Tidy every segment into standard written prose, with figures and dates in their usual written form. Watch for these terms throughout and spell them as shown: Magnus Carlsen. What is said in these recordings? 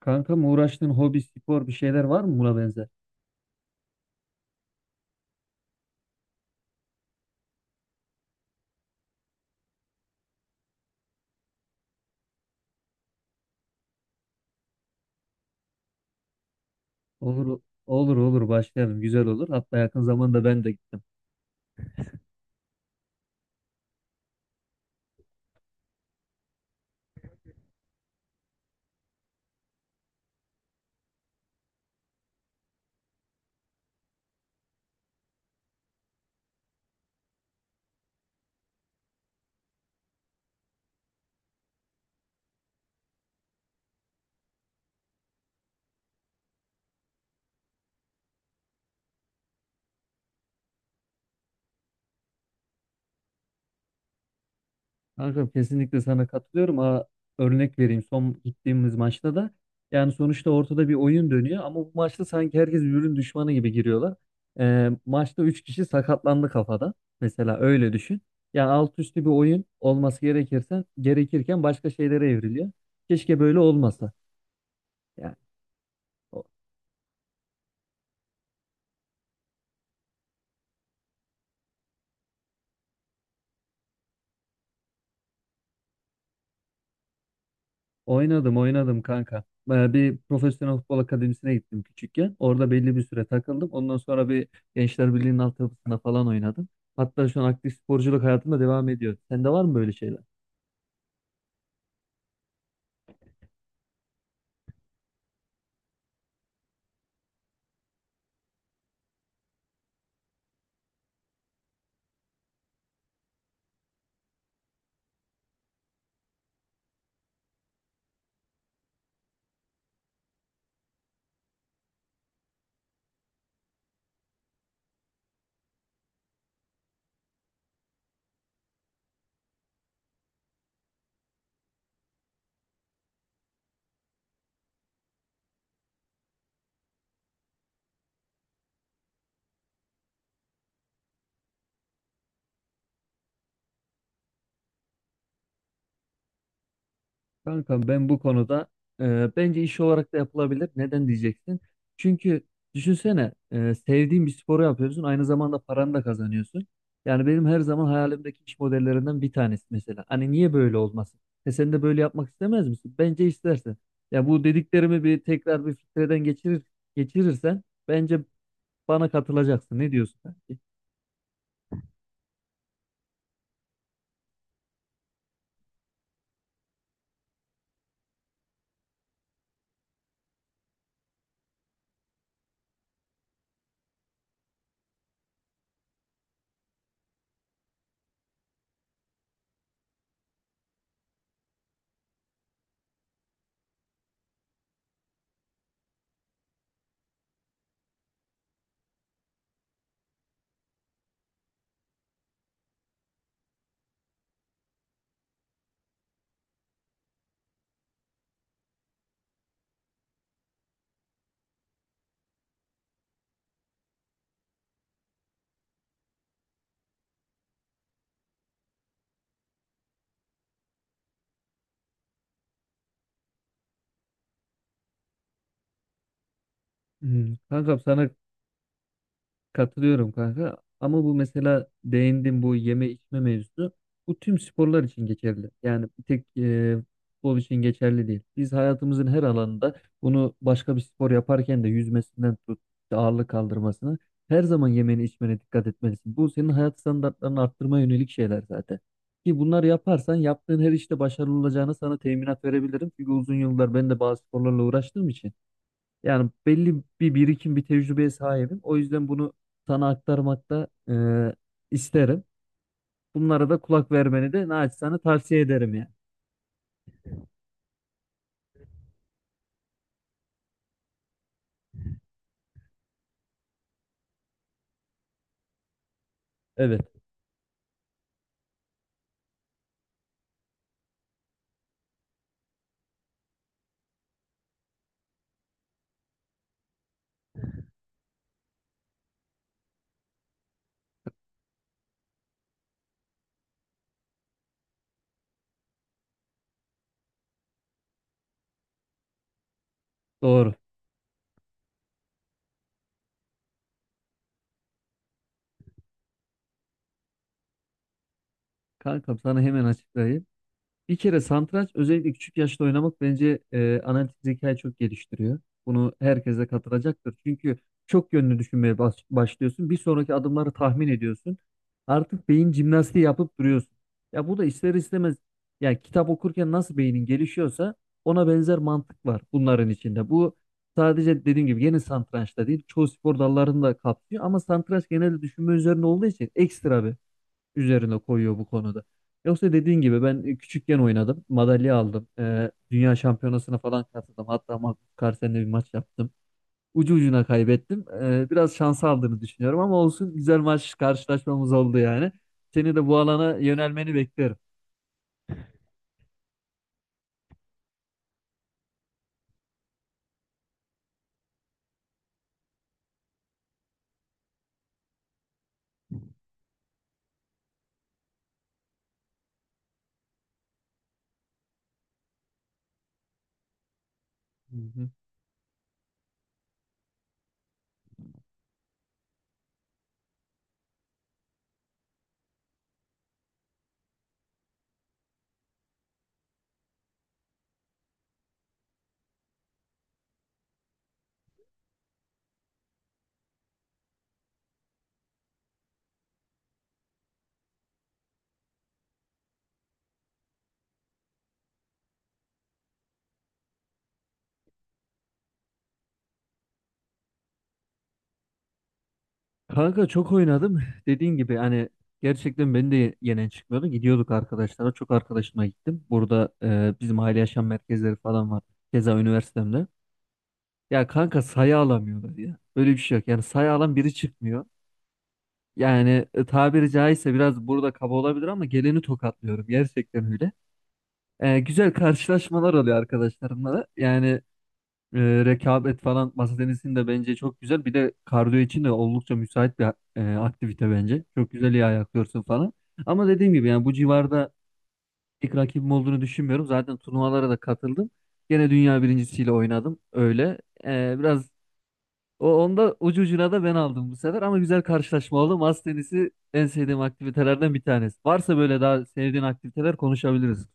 Kankam uğraştığın hobi, spor bir şeyler var mı buna benzer? Olur, olur, olur başlayalım. Güzel olur. Hatta yakın zamanda ben de gittim. Kankam kesinlikle sana katılıyorum. Aa, örnek vereyim. Son gittiğimiz maçta da yani sonuçta ortada bir oyun dönüyor ama bu maçta sanki herkes birbirinin düşmanı gibi giriyorlar. Maçta 3 kişi sakatlandı kafada. Mesela öyle düşün. Yani alt üstü bir oyun olması gerekirken, başka şeylere evriliyor. Keşke böyle olmasa. Yani. Oynadım kanka. Bir profesyonel futbol akademisine gittim küçükken. Orada belli bir süre takıldım. Ondan sonra bir Gençler Birliği'nin altyapısında falan oynadım. Hatta şu an aktif sporculuk hayatımda devam ediyor. Sende var mı böyle şeyler? Kankam ben bu konuda bence iş olarak da yapılabilir. Neden diyeceksin? Çünkü düşünsene sevdiğin bir sporu yapıyorsun. Aynı zamanda paranı da kazanıyorsun. Yani benim her zaman hayalimdeki iş modellerinden bir tanesi mesela. Hani niye böyle olmasın? E sen de böyle yapmak istemez misin? Bence istersin. Ya bu dediklerimi bir tekrar bir filtreden geçirir, geçirirsen bence bana katılacaksın. Ne diyorsun, kanki? Hmm. Kankam sana katılıyorum kanka. Ama bu mesela değindim bu yeme içme mevzusu. Bu tüm sporlar için geçerli. Yani bir tek futbol için geçerli değil. Biz hayatımızın her alanında bunu başka bir spor yaparken de yüzmesinden tut, işte ağırlık kaldırmasına her zaman yemeni içmene dikkat etmelisin. Bu senin hayat standartlarını arttırmaya yönelik şeyler zaten. Ki bunları yaparsan yaptığın her işte başarılı olacağını sana teminat verebilirim. Çünkü uzun yıllar ben de bazı sporlarla uğraştığım için. Yani belli bir birikim, bir tecrübeye sahibim. O yüzden bunu sana aktarmakta isterim. Bunlara da kulak vermeni de naçizane tavsiye ederim yani. Evet, doğru. Kankam sana hemen açıklayayım. Bir kere satranç özellikle küçük yaşta oynamak bence analitik zekayı çok geliştiriyor. Bunu herkese de katılacaktır. Çünkü çok yönlü düşünmeye başlıyorsun. Bir sonraki adımları tahmin ediyorsun. Artık beyin jimnastiği yapıp duruyorsun. Ya bu da ister istemez yani kitap okurken nasıl beynin gelişiyorsa ona benzer mantık var bunların içinde. Bu sadece dediğim gibi yeni satrançta değil çoğu spor dallarını da kapsıyor ama satranç genelde düşünme üzerine olduğu için ekstra bir üzerine koyuyor bu konuda. Yoksa dediğin gibi ben küçükken oynadım. Madalya aldım. Dünya şampiyonasına falan katıldım. Hatta Magnus Carlsen'le bir maç yaptım. Ucu ucuna kaybettim. Biraz şans aldığını düşünüyorum ama olsun güzel maç karşılaşmamız oldu yani. Seni de bu alana yönelmeni beklerim. Hı hı. Kanka çok oynadım. Dediğin gibi hani gerçekten beni de yenen çıkmıyordu. Gidiyorduk arkadaşlara. Çok arkadaşıma gittim. Burada bizim aile yaşam merkezleri falan var. Keza üniversitemde. Ya kanka sayı alamıyorlar ya. Öyle bir şey yok. Yani sayı alan biri çıkmıyor. Yani tabiri caizse biraz burada kaba olabilir ama geleni tokatlıyorum. Gerçekten öyle. Güzel karşılaşmalar oluyor arkadaşlarımla da. Yani rekabet falan masa tenisinde bence çok güzel. Bir de kardiyo için de oldukça müsait bir aktivite bence. Çok güzel iyi ayaklıyorsun falan. Ama dediğim gibi yani bu civarda ilk rakibim olduğunu düşünmüyorum. Zaten turnuvalara da katıldım. Gene dünya birincisiyle oynadım. Öyle. E, biraz O onda ucu ucuna da ben aldım bu sefer ama güzel karşılaşma oldu. Masa tenisi en sevdiğim aktivitelerden bir tanesi. Varsa böyle daha sevdiğin aktiviteler konuşabiliriz.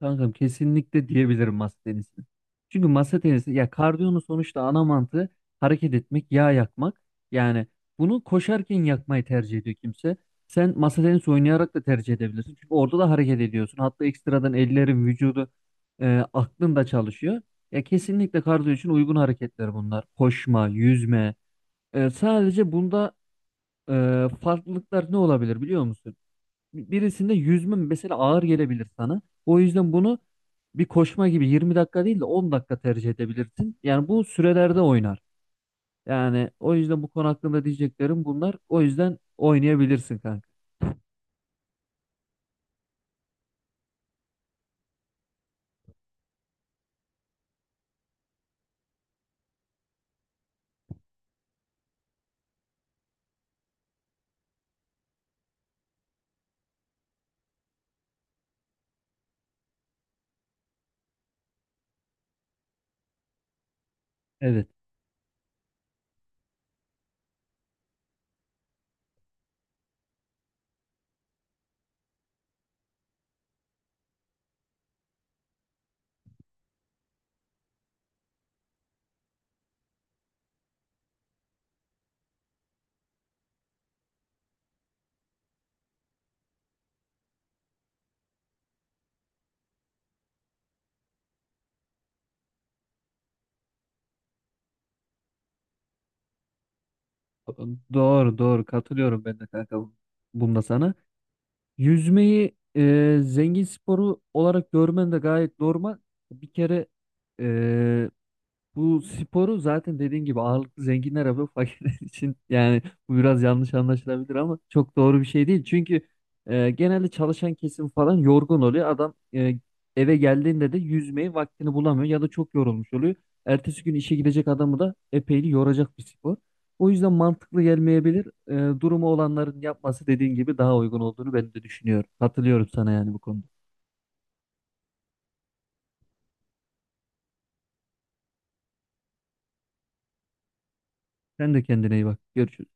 Kankam kesinlikle diyebilirim masa tenisini. Çünkü masa tenisi ya kardiyonun sonuçta ana mantığı hareket etmek, yağ yakmak. Yani bunu koşarken yakmayı tercih ediyor kimse. Sen masa tenisi oynayarak da tercih edebilirsin. Çünkü orada da hareket ediyorsun. Hatta ekstradan ellerin, vücudu, aklın da çalışıyor. Ya kesinlikle kardiyo için uygun hareketler bunlar. Koşma, yüzme. Sadece bunda farklılıklar ne olabilir biliyor musun? Birisinde yüzme mesela ağır gelebilir sana. O yüzden bunu bir koşma gibi 20 dakika değil de 10 dakika tercih edebilirsin. Yani bu sürelerde oynar. Yani o yüzden bu konu hakkında diyeceklerim bunlar. O yüzden oynayabilirsin kanka. Evet. Doğru doğru katılıyorum ben de kanka bunda sana. Yüzmeyi zengin sporu olarak görmen de gayet normal. Bir kere e, bu sporu zaten dediğin gibi ağırlıklı zenginler yapıyor fakirler için yani bu biraz yanlış anlaşılabilir ama çok doğru bir şey değil. Çünkü genelde çalışan kesim falan yorgun oluyor. Adam e, eve geldiğinde de yüzmeyi vaktini bulamıyor ya da çok yorulmuş oluyor. Ertesi gün işe gidecek adamı da epeyli yoracak bir spor. O yüzden mantıklı gelmeyebilir. Durumu olanların yapması dediğin gibi daha uygun olduğunu ben de düşünüyorum. Katılıyorum sana yani bu konuda. Sen de kendine iyi bak. Görüşürüz.